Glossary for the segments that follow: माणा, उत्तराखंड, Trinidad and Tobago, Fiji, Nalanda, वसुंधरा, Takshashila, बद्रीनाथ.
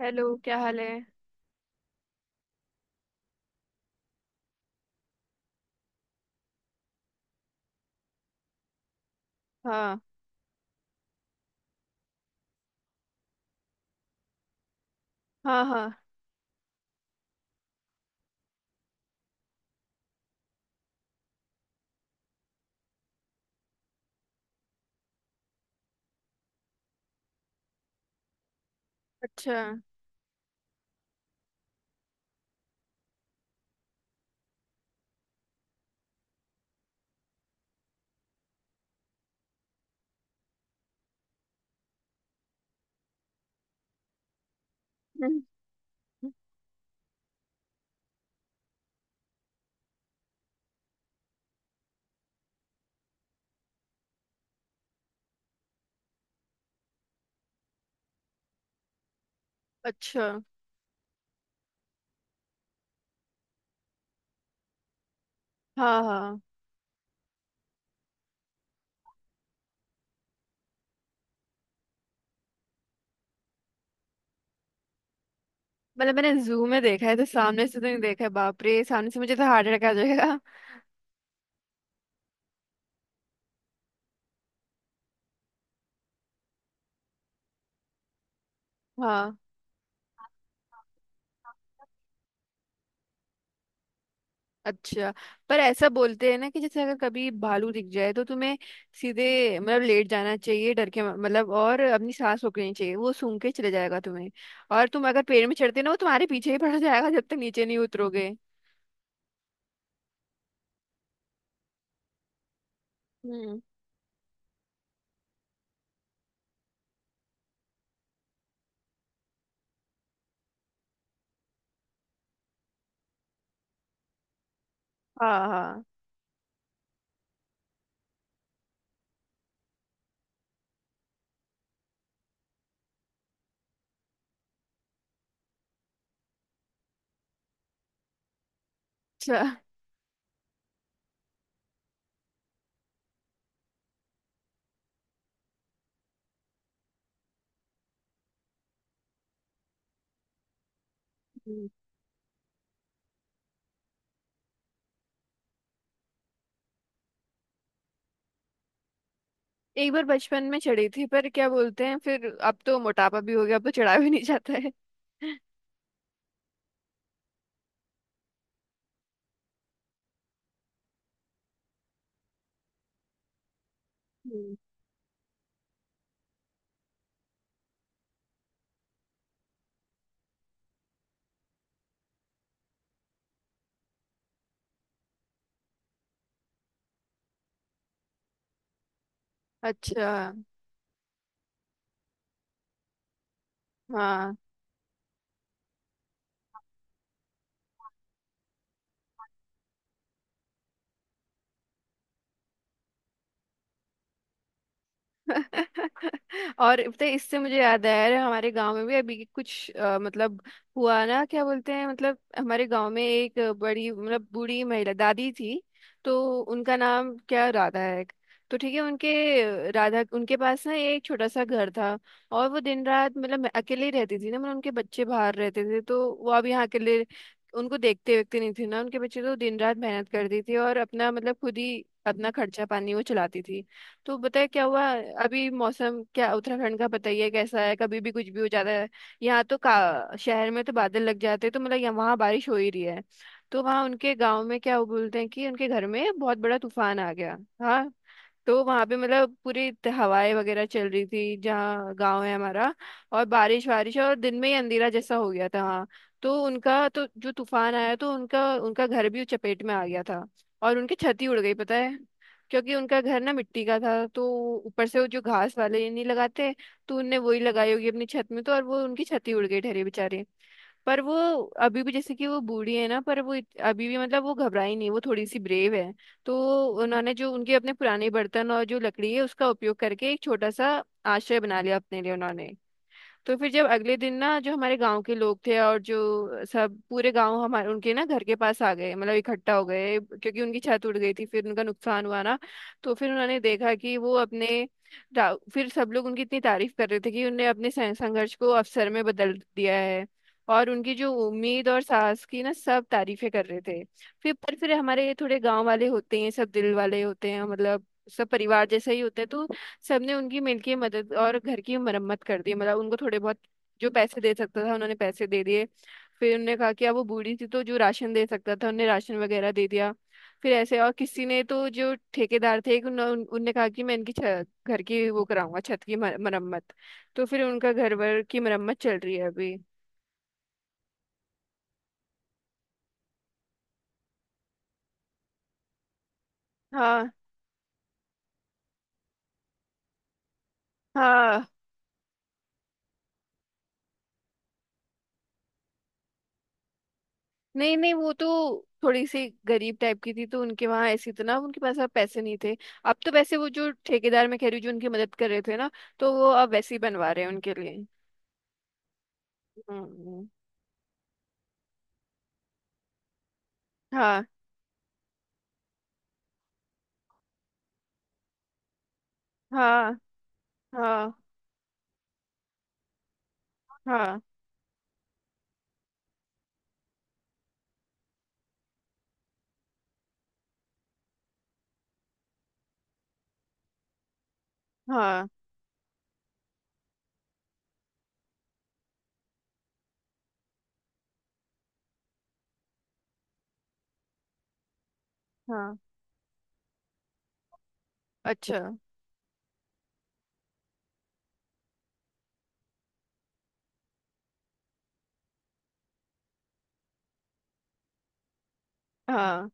Hello, क्या हाल है। हाँ, हाँ, हाँ। अच्छा। हम्म। अच्छा। हाँ, हाँ। मतलब मैंने जू में देखा है, तो सामने से तो नहीं देखा है। बाप रे, सामने से मुझे तो हार्ट अटैक आ जाएगा। हाँ। अच्छा। पर ऐसा बोलते हैं ना, कि जैसे अगर कभी भालू दिख जाए तो तुम्हें सीधे, मतलब लेट जाना चाहिए डर के, मतलब, और अपनी सांस रोकनी चाहिए, वो सूंघ के चले जाएगा तुम्हें। और तुम अगर पेड़ में चढ़ते ना, वो तुम्हारे पीछे ही पड़ जाएगा जब तक नीचे नहीं उतरोगे। हम्म। हाँ, हाँ। अच्छा। एक बार बचपन में चढ़ी थी, पर क्या बोलते हैं, फिर अब तो मोटापा भी हो गया, अब तो चढ़ा भी नहीं जाता है। हम्म। अच्छा। हाँ। और पता है, इससे मुझे याद आया। अरे, हमारे गांव में भी अभी कुछ मतलब हुआ ना, क्या बोलते हैं, मतलब हमारे गांव में एक बड़ी, मतलब बूढ़ी महिला दादी थी। तो उनका नाम, क्या, राधा है। तो ठीक है, उनके, राधा, उनके पास ना एक छोटा सा घर था। और वो दिन रात, मतलब मैं अकेले ही रहती थी ना, मतलब उनके बच्चे बाहर रहते थे, तो वो अब यहाँ अकेले, उनको देखते व्यक्ति नहीं थी ना उनके बच्चे, तो दिन रात मेहनत करती थी और अपना, मतलब खुद ही अपना खर्चा पानी वो चलाती थी। तो बताए क्या हुआ। अभी मौसम, क्या, उत्तराखंड का बताइए कैसा है, कभी भी कुछ भी हो जाता है। यहाँ तो, का शहर में तो बादल लग जाते हैं, तो मतलब यहाँ वहाँ बारिश हो ही रही है। तो वहाँ उनके गांव में, क्या, वो बोलते हैं कि उनके घर में बहुत बड़ा तूफान आ गया। हाँ। तो वहां पे, मतलब पूरी हवाएं वगैरह चल रही थी जहाँ गांव है हमारा। और बारिश बारिश, और दिन में ही अंधेरा जैसा हो गया था। हाँ। तो उनका तो, जो तूफान आया, तो उनका उनका घर भी चपेट में आ गया था। और उनकी छत ही उड़ गई, पता है। क्योंकि उनका घर ना मिट्टी का था, तो ऊपर से वो जो घास वाले नहीं लगाते, तो उनने वही लगाई होगी अपनी छत में, तो और वो उनकी छत ही उड़ गई, ठहरे बेचारे। पर वो अभी भी, जैसे कि वो बूढ़ी है ना, पर वो अभी भी, मतलब वो घबराई नहीं, वो थोड़ी सी ब्रेव है। तो उन्होंने, जो उनके अपने पुराने बर्तन और जो लकड़ी है उसका उपयोग करके, एक छोटा सा आश्रय बना लिया अपने लिए उन्होंने। तो फिर जब अगले दिन ना, जो हमारे गांव के लोग थे और जो सब पूरे गांव हमारे, उनके ना घर के पास आ गए, मतलब इकट्ठा हो गए, क्योंकि उनकी छत उड़ गई थी, फिर उनका नुकसान हुआ ना। तो फिर उन्होंने देखा कि वो अपने फिर सब लोग उनकी इतनी तारीफ कर रहे थे कि उन्होंने अपने संघर्ष को अवसर में बदल दिया है। और उनकी जो उम्मीद और साहस की ना, सब तारीफें कर रहे थे। फिर, पर फिर हमारे ये थोड़े गांव वाले होते हैं, सब दिल वाले होते हैं, मतलब सब परिवार जैसे ही होते हैं, तो सबने उनकी मिलके मदद और घर की मरम्मत कर दी, मतलब उनको थोड़े बहुत जो पैसे दे सकता था उन्होंने पैसे दे दिए। फिर उन्होंने कहा कि अब वो बूढ़ी थी, तो जो राशन दे सकता था उन्हें राशन वगैरह दे दिया। फिर ऐसे और किसी ने, तो जो ठेकेदार थे, उन्होंने, उनने कहा कि मैं इनकी घर की, वो, कराऊंगा छत की मरम्मत। तो फिर उनका घर वर की मरम्मत चल रही है अभी। हाँ, हाँ। नहीं, नहीं, वो तो थोड़ी सी गरीब टाइप की थी, तो उनके वहां ऐसी इतना, उनके पास अब पैसे नहीं थे। अब तो वैसे वो जो ठेकेदार मैं कह रही हूँ, जो उनकी मदद कर रहे थे ना, तो वो अब वैसे ही बनवा रहे हैं उनके लिए। हम्म। हाँ, हाँ, हाँ, हाँ, हाँ, हाँ। अच्छा। हाँ।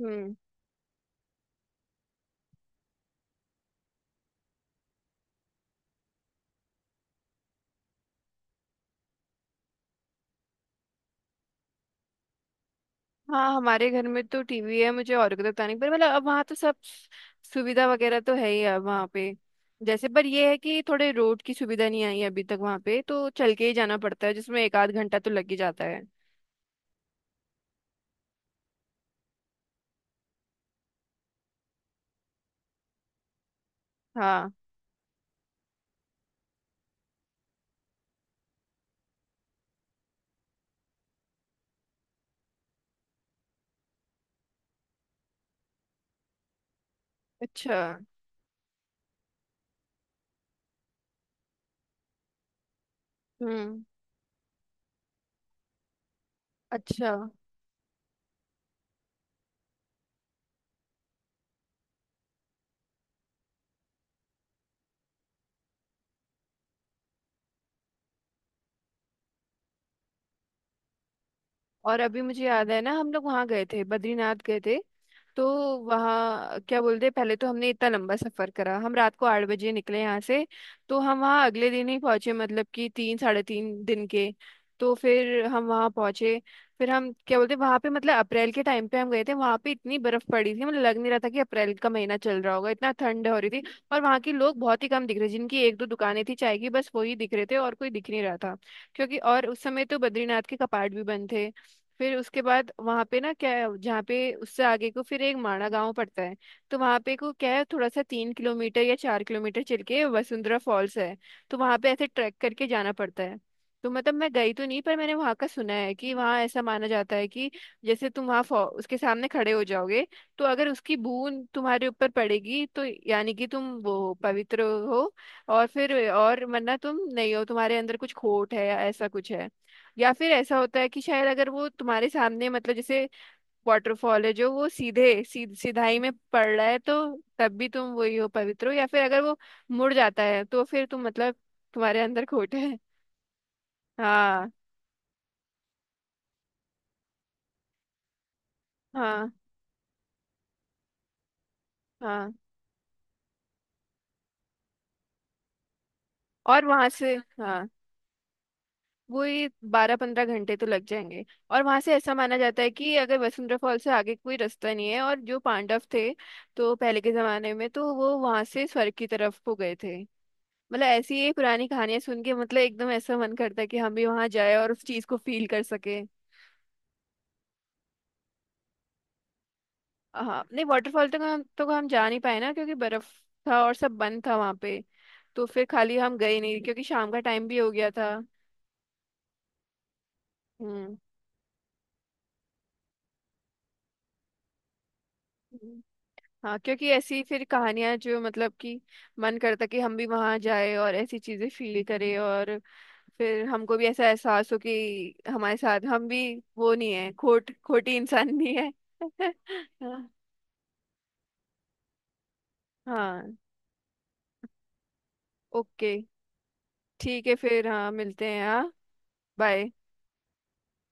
हम्म। हाँ, हमारे घर में तो टीवी है, मुझे और कोई पता नहीं, पर मतलब अब वहाँ तो सब सुविधा वगैरह तो है ही अब वहाँ पे। जैसे, पर ये है कि थोड़े रोड की सुविधा नहीं आई है अभी तक वहाँ पे, तो चल के ही जाना पड़ता है, जिसमें एक आध घंटा तो लग ही जाता है। हाँ। अच्छा। हम्म। अच्छा। और अभी मुझे याद है ना, हम लोग वहाँ गए थे, बद्रीनाथ गए थे। तो वहाँ, क्या बोलते हैं, पहले तो हमने इतना लंबा सफर करा, हम रात को 8 बजे निकले यहाँ से। तो हम वहाँ अगले दिन ही पहुंचे, मतलब कि 3 साढ़े 3 दिन के। तो फिर हम वहाँ पहुंचे। फिर हम, क्या बोलते हैं, वहाँ पे मतलब अप्रैल के टाइम पे हम गए थे, वहाँ पे इतनी बर्फ पड़ी थी, मतलब लग नहीं रहा था कि अप्रैल का महीना चल रहा होगा, इतना ठंड हो रही थी। और वहाँ के लोग बहुत ही कम दिख रहे, जिनकी एक दो दुकानें थी चाय की, बस वही दिख रहे थे, और कोई दिख नहीं रहा था। क्योंकि, और उस समय तो बद्रीनाथ के कपाट भी बंद थे। फिर उसके बाद वहां पे ना, क्या है, जहाँ पे उससे आगे को फिर एक माणा गांव पड़ता है। तो वहां पे को क्या है, थोड़ा सा 3 किलोमीटर या 4 किलोमीटर चल के वसुंधरा फॉल्स है। तो वहां पे ऐसे ट्रैक करके जाना पड़ता है। तो मतलब मैं गई तो नहीं, पर मैंने वहां का सुना है कि वहां ऐसा माना जाता है कि जैसे तुम वहां उसके सामने खड़े हो जाओगे। तो अगर उसकी बूंद तुम्हारे ऊपर पड़ेगी तो यानी कि तुम वो पवित्र हो। और फिर, और वरना तुम नहीं हो, तुम्हारे अंदर कुछ खोट है या ऐसा कुछ है। या फिर ऐसा होता है कि शायद अगर वो तुम्हारे सामने, मतलब जैसे वाटरफॉल है, जो वो सीधाई में पड़ रहा है, तो तब भी तुम वही हो, पवित्र हो, या फिर अगर वो मुड़ जाता है तो फिर तुम, मतलब तुम्हारे अंदर खोट है। हाँ, हाँ, हाँ। और वहां से। हाँ। वो ये 12-15 घंटे तो लग जाएंगे। और वहां से ऐसा माना जाता है कि, अगर, वसुंधरा फॉल से आगे कोई रास्ता नहीं है, और जो पांडव थे, तो पहले के जमाने में तो वो वहां से स्वर्ग की तरफ को गए थे। मतलब ऐसी ही पुरानी कहानियां सुन के, मतलब एकदम ऐसा मन करता है कि हम भी वहां जाए और उस चीज को फील कर सके। हाँ, नहीं, वाटरफॉल तो हम जा नहीं पाए ना, क्योंकि बर्फ था और सब बंद था वहां पे। तो फिर खाली हम गए नहीं, क्योंकि शाम का टाइम भी हो गया था। हम्म। हम्म। हाँ, क्योंकि ऐसी फिर कहानियां जो मतलब कि मन करता कि हम भी वहां जाए और ऐसी चीजें फील करें, और फिर हमको भी ऐसा एहसास हो कि हमारे साथ हम भी वो नहीं है, खोटी इंसान नहीं है। हाँ। ओके, ठीक है फिर, हाँ, मिलते हैं। हाँ, बाय।